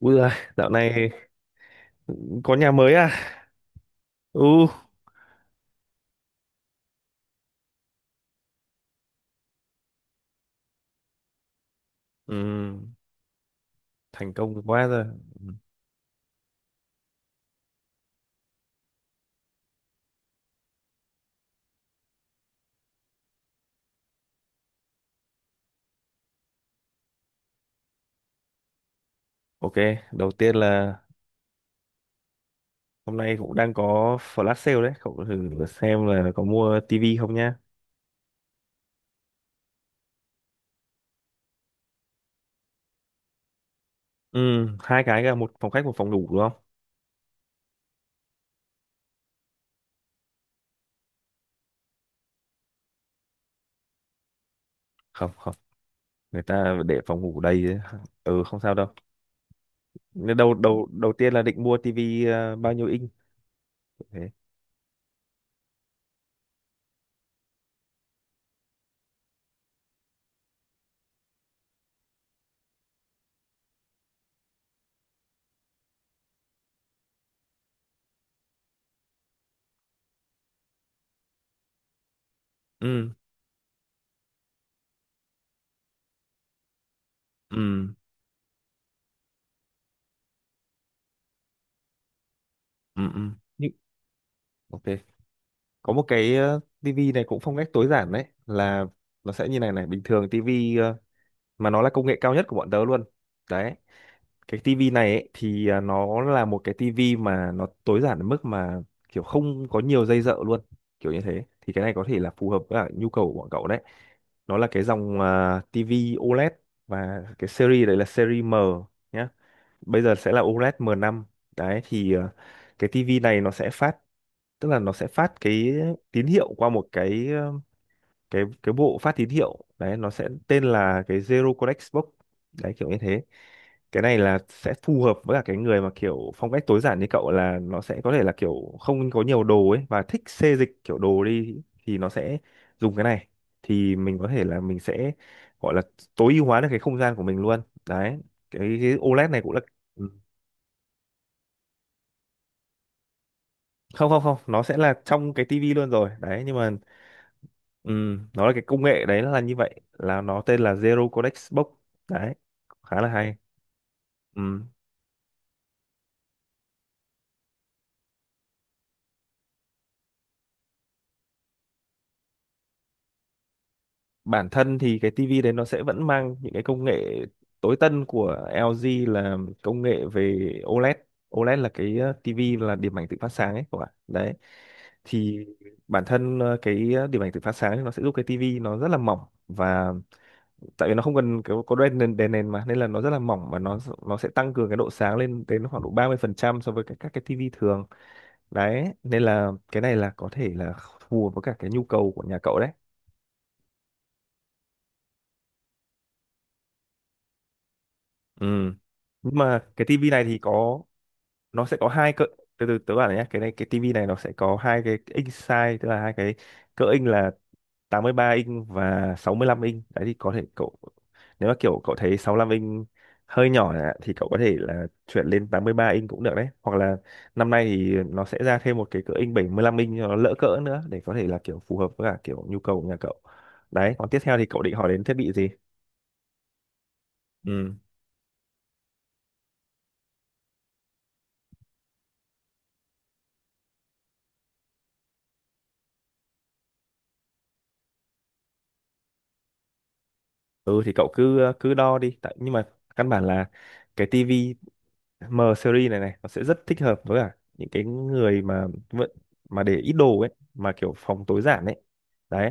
Ui giời, dạo này có nhà mới à? Ừ, ừm, thành công quá rồi. Ừm, Ok, đầu tiên là hôm nay cũng đang có flash sale đấy, cậu thử xem là có mua tivi không nhá. Ừ, hai cái, cả một phòng khách một phòng ngủ đúng không? Không, không, người ta để phòng ngủ đầy đấy. Ừ, không sao đâu. Nên Đầu đầu đầu tiên là định mua tivi, bao nhiêu inch? Thế. Ừ, ừ, ừ, ừ. Nhưng- Ok, có một cái tivi này cũng phong cách tối giản đấy, là nó sẽ như này này. Bình thường tivi mà nó là công nghệ cao nhất của bọn tớ luôn đấy. Cái tivi này ấy, thì à, nó là một cái tivi mà nó tối giản đến mức mà kiểu không có nhiều dây dợ luôn, kiểu như thế. Thì cái này có thể là phù hợp với cả nhu cầu của bọn cậu đấy. Nó là cái dòng à, tivi OLED, và cái series đấy là series M nhé. Bây giờ sẽ là OLED M5. Đấy thì cái tivi này nó sẽ phát, tức là nó sẽ phát cái tín hiệu qua một cái cái bộ phát tín hiệu đấy, nó sẽ tên là cái Zero Codex Box, đấy kiểu như thế. Cái này là sẽ phù hợp với cả cái người mà kiểu phong cách tối giản như cậu, là nó sẽ có thể là kiểu không có nhiều đồ ấy và thích xê dịch kiểu đồ đi, thì nó sẽ dùng cái này thì mình có thể là mình sẽ gọi là tối ưu hóa được cái không gian của mình luôn. Đấy, cái OLED này cũng là không không không, nó sẽ là trong cái tivi luôn rồi đấy. Nhưng mà nó là cái công nghệ đấy là như vậy, là nó tên là Zero Codex Box. Đấy khá là hay. Ừm, bản thân thì cái tivi đấy nó sẽ vẫn mang những cái công nghệ tối tân của LG, là công nghệ về OLED. OLED là cái tivi là điểm ảnh tự phát sáng ấy các bạn đấy. Thì bản thân cái điểm ảnh tự phát sáng thì nó sẽ giúp cái tivi nó rất là mỏng, và tại vì nó không cần kiểu có đèn nền mà, nên là nó rất là mỏng và nó sẽ tăng cường cái độ sáng lên đến khoảng độ 30% so với các cái tivi thường đấy. Nên là cái này là có thể là phù hợp với cả cái nhu cầu của nhà cậu đấy. Ừ nhưng mà cái tivi này thì có, nó sẽ có hai cỡ. Từ từ tớ bảo này nhá, cái này cái tivi này nó sẽ có hai cái inch size, tức là hai cái cỡ inch, là 83 inch và 65 inch. Đấy thì có thể cậu, nếu mà kiểu cậu thấy 65 inch hơi nhỏ ạ, thì cậu có thể là chuyển lên 83 inch cũng được đấy, hoặc là năm nay thì nó sẽ ra thêm một cái cỡ inch 75 inch cho nó lỡ cỡ nữa, để có thể là kiểu phù hợp với cả kiểu nhu cầu của nhà cậu. Đấy, còn tiếp theo thì cậu định hỏi đến thiết bị gì? Ừ ừ, thì cậu cứ cứ đo đi tại. Nhưng mà căn bản là cái tivi M series này này nó sẽ rất thích hợp với cả những cái người mà vẫn mà để ít đồ ấy, mà kiểu phòng tối giản ấy. Đấy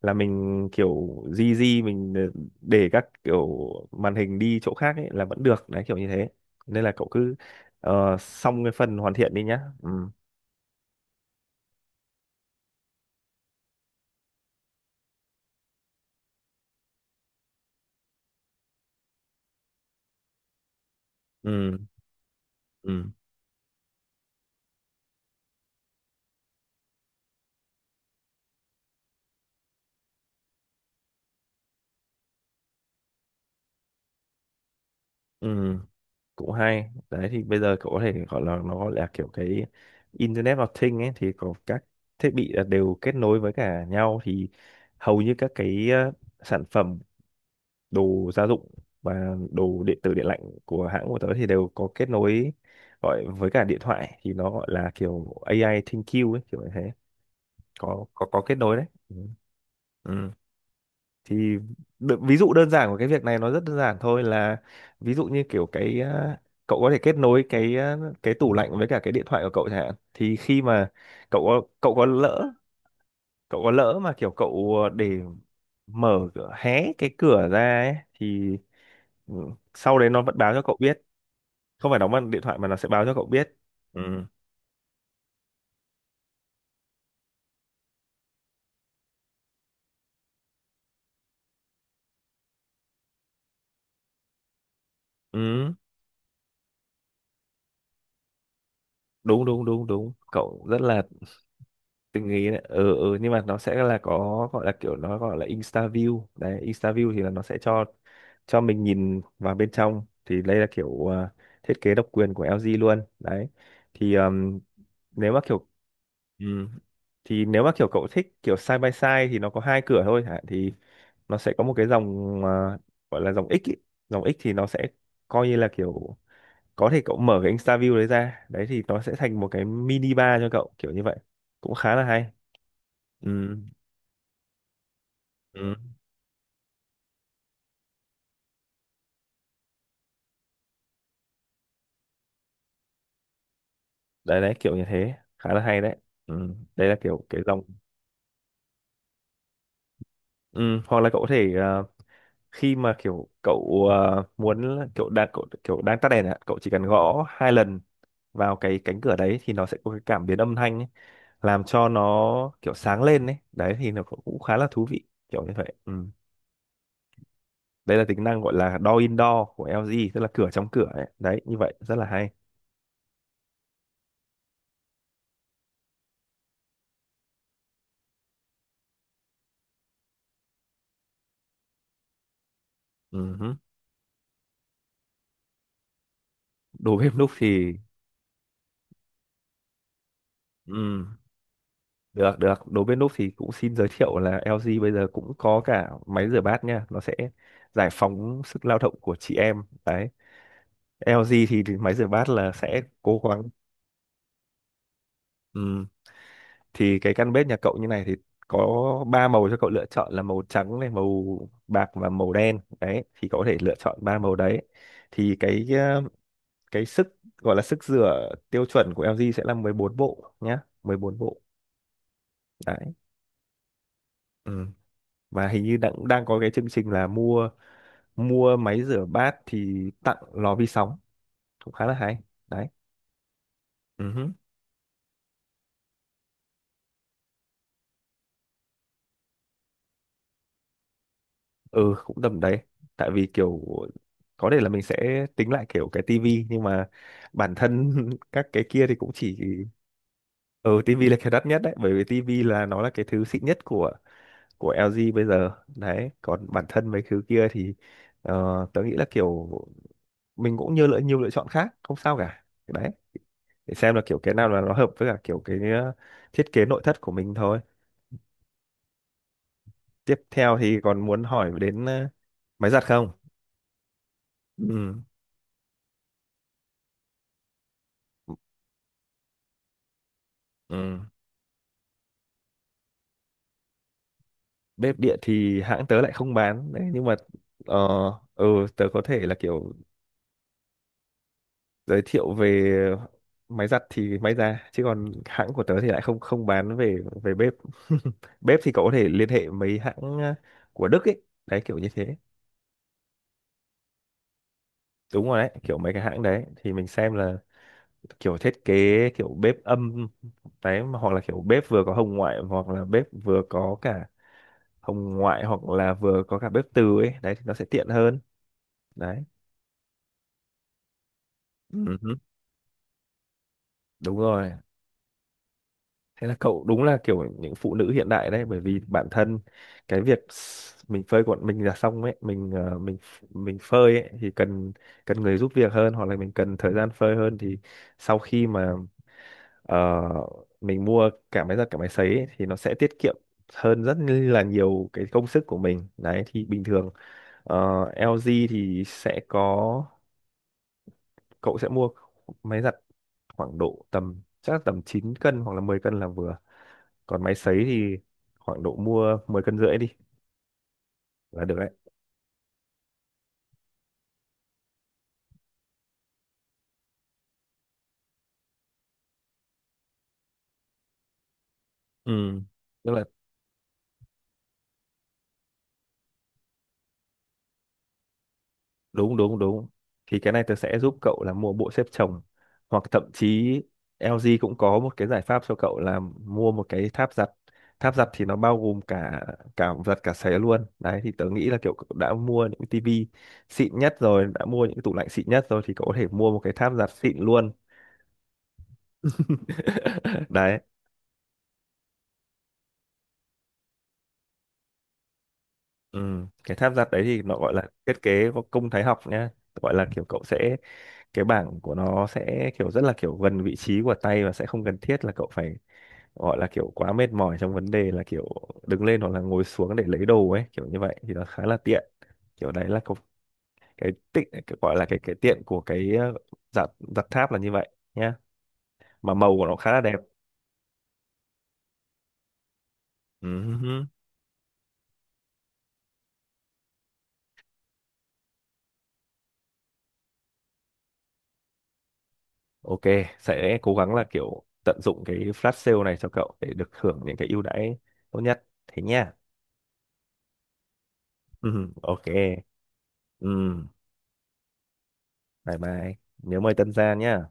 là mình kiểu di di mình để các kiểu màn hình đi chỗ khác ấy là vẫn được đấy, kiểu như thế. Nên là cậu cứ xong cái phần hoàn thiện đi nhá. Ừ ừ ừ ừ, cũng hay đấy. Thì bây giờ cậu có thể gọi là, nó gọi là kiểu cái Internet of Things ấy, thì có các thiết bị là đều kết nối với cả nhau. Thì hầu như các cái sản phẩm đồ gia dụng và đồ điện tử điện lạnh của hãng của tớ thì đều có kết nối, gọi với cả điện thoại, thì nó gọi là kiểu AI ThinQ ấy, kiểu như thế. Có kết nối đấy, ừ. Ừ thì ví dụ đơn giản của cái việc này nó rất đơn giản thôi, là ví dụ như kiểu cái à, cậu có thể kết nối cái à, cái tủ lạnh với cả cái điện thoại của cậu chẳng hạn, thì khi mà cậu có lỡ, cậu có lỡ mà kiểu cậu để hé cái cửa ra ấy thì ừ, sau đấy nó vẫn báo cho cậu biết. Không phải đóng bằng điện thoại mà nó sẽ báo cho cậu biết, ừ. Ừ, đúng đúng đúng đúng cậu rất là từng nghĩ đấy, ừ, ừ. Nhưng mà nó sẽ là, có gọi là kiểu nó gọi là Insta view đấy. Insta view thì là nó sẽ cho mình nhìn vào bên trong, thì đây là kiểu à, thiết kế độc quyền của LG luôn đấy. Thì nếu mà kiểu ừm, thì nếu mà kiểu cậu thích kiểu side by side, thì nó có hai cửa thôi hả, thì nó sẽ có một cái dòng à, gọi là dòng X ý. Dòng X thì nó sẽ coi như là kiểu có thể cậu mở cái Insta view đấy ra đấy, thì nó sẽ thành một cái mini bar cho cậu, kiểu như vậy, cũng khá là hay. Ừ. Ừ. Đấy đấy kiểu như thế khá là hay đấy, ừ. Đây là kiểu cái dòng, ừ. Hoặc là cậu có thể khi mà kiểu cậu muốn kiểu đang cậu, kiểu đang tắt đèn ạ, cậu chỉ cần gõ hai lần vào cái cánh cửa đấy, thì nó sẽ có cái cảm biến âm thanh ấy, làm cho nó kiểu sáng lên đấy. Đấy thì nó cũng cũng khá là thú vị kiểu như vậy, ừ. Đây là tính năng gọi là door indoor của LG, tức là cửa trong cửa ấy. Đấy như vậy rất là hay. Ừ. Hứ. Đồ bếp núc thì ừ. Được, được. Đối với Núp thì cũng xin giới thiệu là LG bây giờ cũng có cả máy rửa bát nha. Nó sẽ giải phóng sức lao động của chị em. Đấy. LG thì máy rửa bát là sẽ cố gắng. Ừm, Thì cái căn bếp nhà cậu như này thì có ba màu cho cậu lựa chọn, là màu trắng này, màu bạc và màu đen. Đấy, thì cậu có thể lựa chọn ba màu đấy. Thì cái cái sức, gọi là sức rửa tiêu chuẩn của LG sẽ là 14 bộ nhá, 14 bộ. Đấy. Ừm. Và hình như đang đang có cái chương trình là mua mua máy rửa bát thì tặng lò vi sóng, cũng khá là hay đấy. Ừ, hứ. Ừ cũng tầm đấy, tại vì kiểu có thể là mình sẽ tính lại kiểu cái tivi. Nhưng mà bản thân các cái kia thì cũng chỉ, ừ tivi là cái đắt nhất đấy, bởi vì tivi là nó là cái thứ xịn nhất của LG bây giờ. Đấy còn bản thân mấy thứ kia thì ờ, tớ nghĩ là kiểu mình cũng như lựa nhiều lựa chọn khác không sao cả đấy, để xem là kiểu cái nào là nó hợp với cả kiểu cái thiết kế nội thất của mình thôi. Tiếp theo thì còn muốn hỏi đến máy giặt không? Ừ. Ừ. Bếp điện thì hãng tớ lại không bán đấy, nhưng mà ờ ừ, tớ có thể là kiểu giới thiệu về máy giặt thì may ra, chứ còn hãng của tớ thì lại không không bán về về bếp. Bếp thì cậu có thể liên hệ mấy hãng ờ, của Đức ấy, đấy kiểu như thế. Đúng rồi đấy, kiểu mấy cái hãng đấy thì mình xem là kiểu thiết kế kiểu bếp âm đấy, mà hoặc là kiểu bếp vừa có hồng ngoại, hoặc là bếp vừa có cả hồng ngoại hoặc là vừa có cả bếp từ ấy, đấy thì nó sẽ tiện hơn đấy. Ừ. Hứ, đúng rồi. Thế là cậu đúng là kiểu những phụ nữ hiện đại đấy, bởi vì bản thân cái việc mình phơi quần mình là xong ấy, mình mình phơi ấy thì cần cần người giúp việc hơn, hoặc là mình cần thời gian phơi hơn. Thì sau khi mà Ờ, mình mua cả máy giặt cả máy sấy ấy, thì nó sẽ tiết kiệm hơn rất là nhiều cái công sức của mình đấy. Thì bình thường ờ, LG thì sẽ có, cậu sẽ mua máy giặt khoảng độ tầm, chắc là tầm 9 cân hoặc là 10 cân là vừa, còn máy sấy thì khoảng độ mua 10 cân rưỡi đi là được đấy. Ừ. Tức là đúng đúng đúng. Thì cái này tớ sẽ giúp cậu là mua bộ xếp chồng, hoặc thậm chí LG cũng có một cái giải pháp cho cậu là mua một cái tháp giặt. Tháp giặt thì nó bao gồm cả cả giặt cả sấy luôn đấy. Thì tớ nghĩ là kiểu cậu đã mua những tivi xịn nhất rồi, đã mua những tủ lạnh xịn nhất rồi, thì cậu có thể mua một cái tháp giặt xịn luôn. Đấy, ừ. Cái tháp giặt đấy thì nó gọi là thiết kế có công thái học nhá. Gọi là kiểu cậu sẽ, cái bảng của nó sẽ kiểu rất là kiểu gần vị trí của tay, và sẽ không cần thiết là cậu phải gọi là kiểu quá mệt mỏi trong vấn đề là kiểu đứng lên hoặc là ngồi xuống để lấy đồ ấy, kiểu như vậy thì nó khá là tiện. Kiểu đấy là cái gọi là cái tiện của cái giặt, giặt tháp là như vậy nhá. Mà màu của nó khá là đẹp. Ừm, ok, sẽ cố gắng là kiểu tận dụng cái flash sale này cho cậu để được hưởng những cái ưu đãi tốt nhất, thế nha. Ok. Ừm, bye bye. Nhớ mời Tân Gia nhá.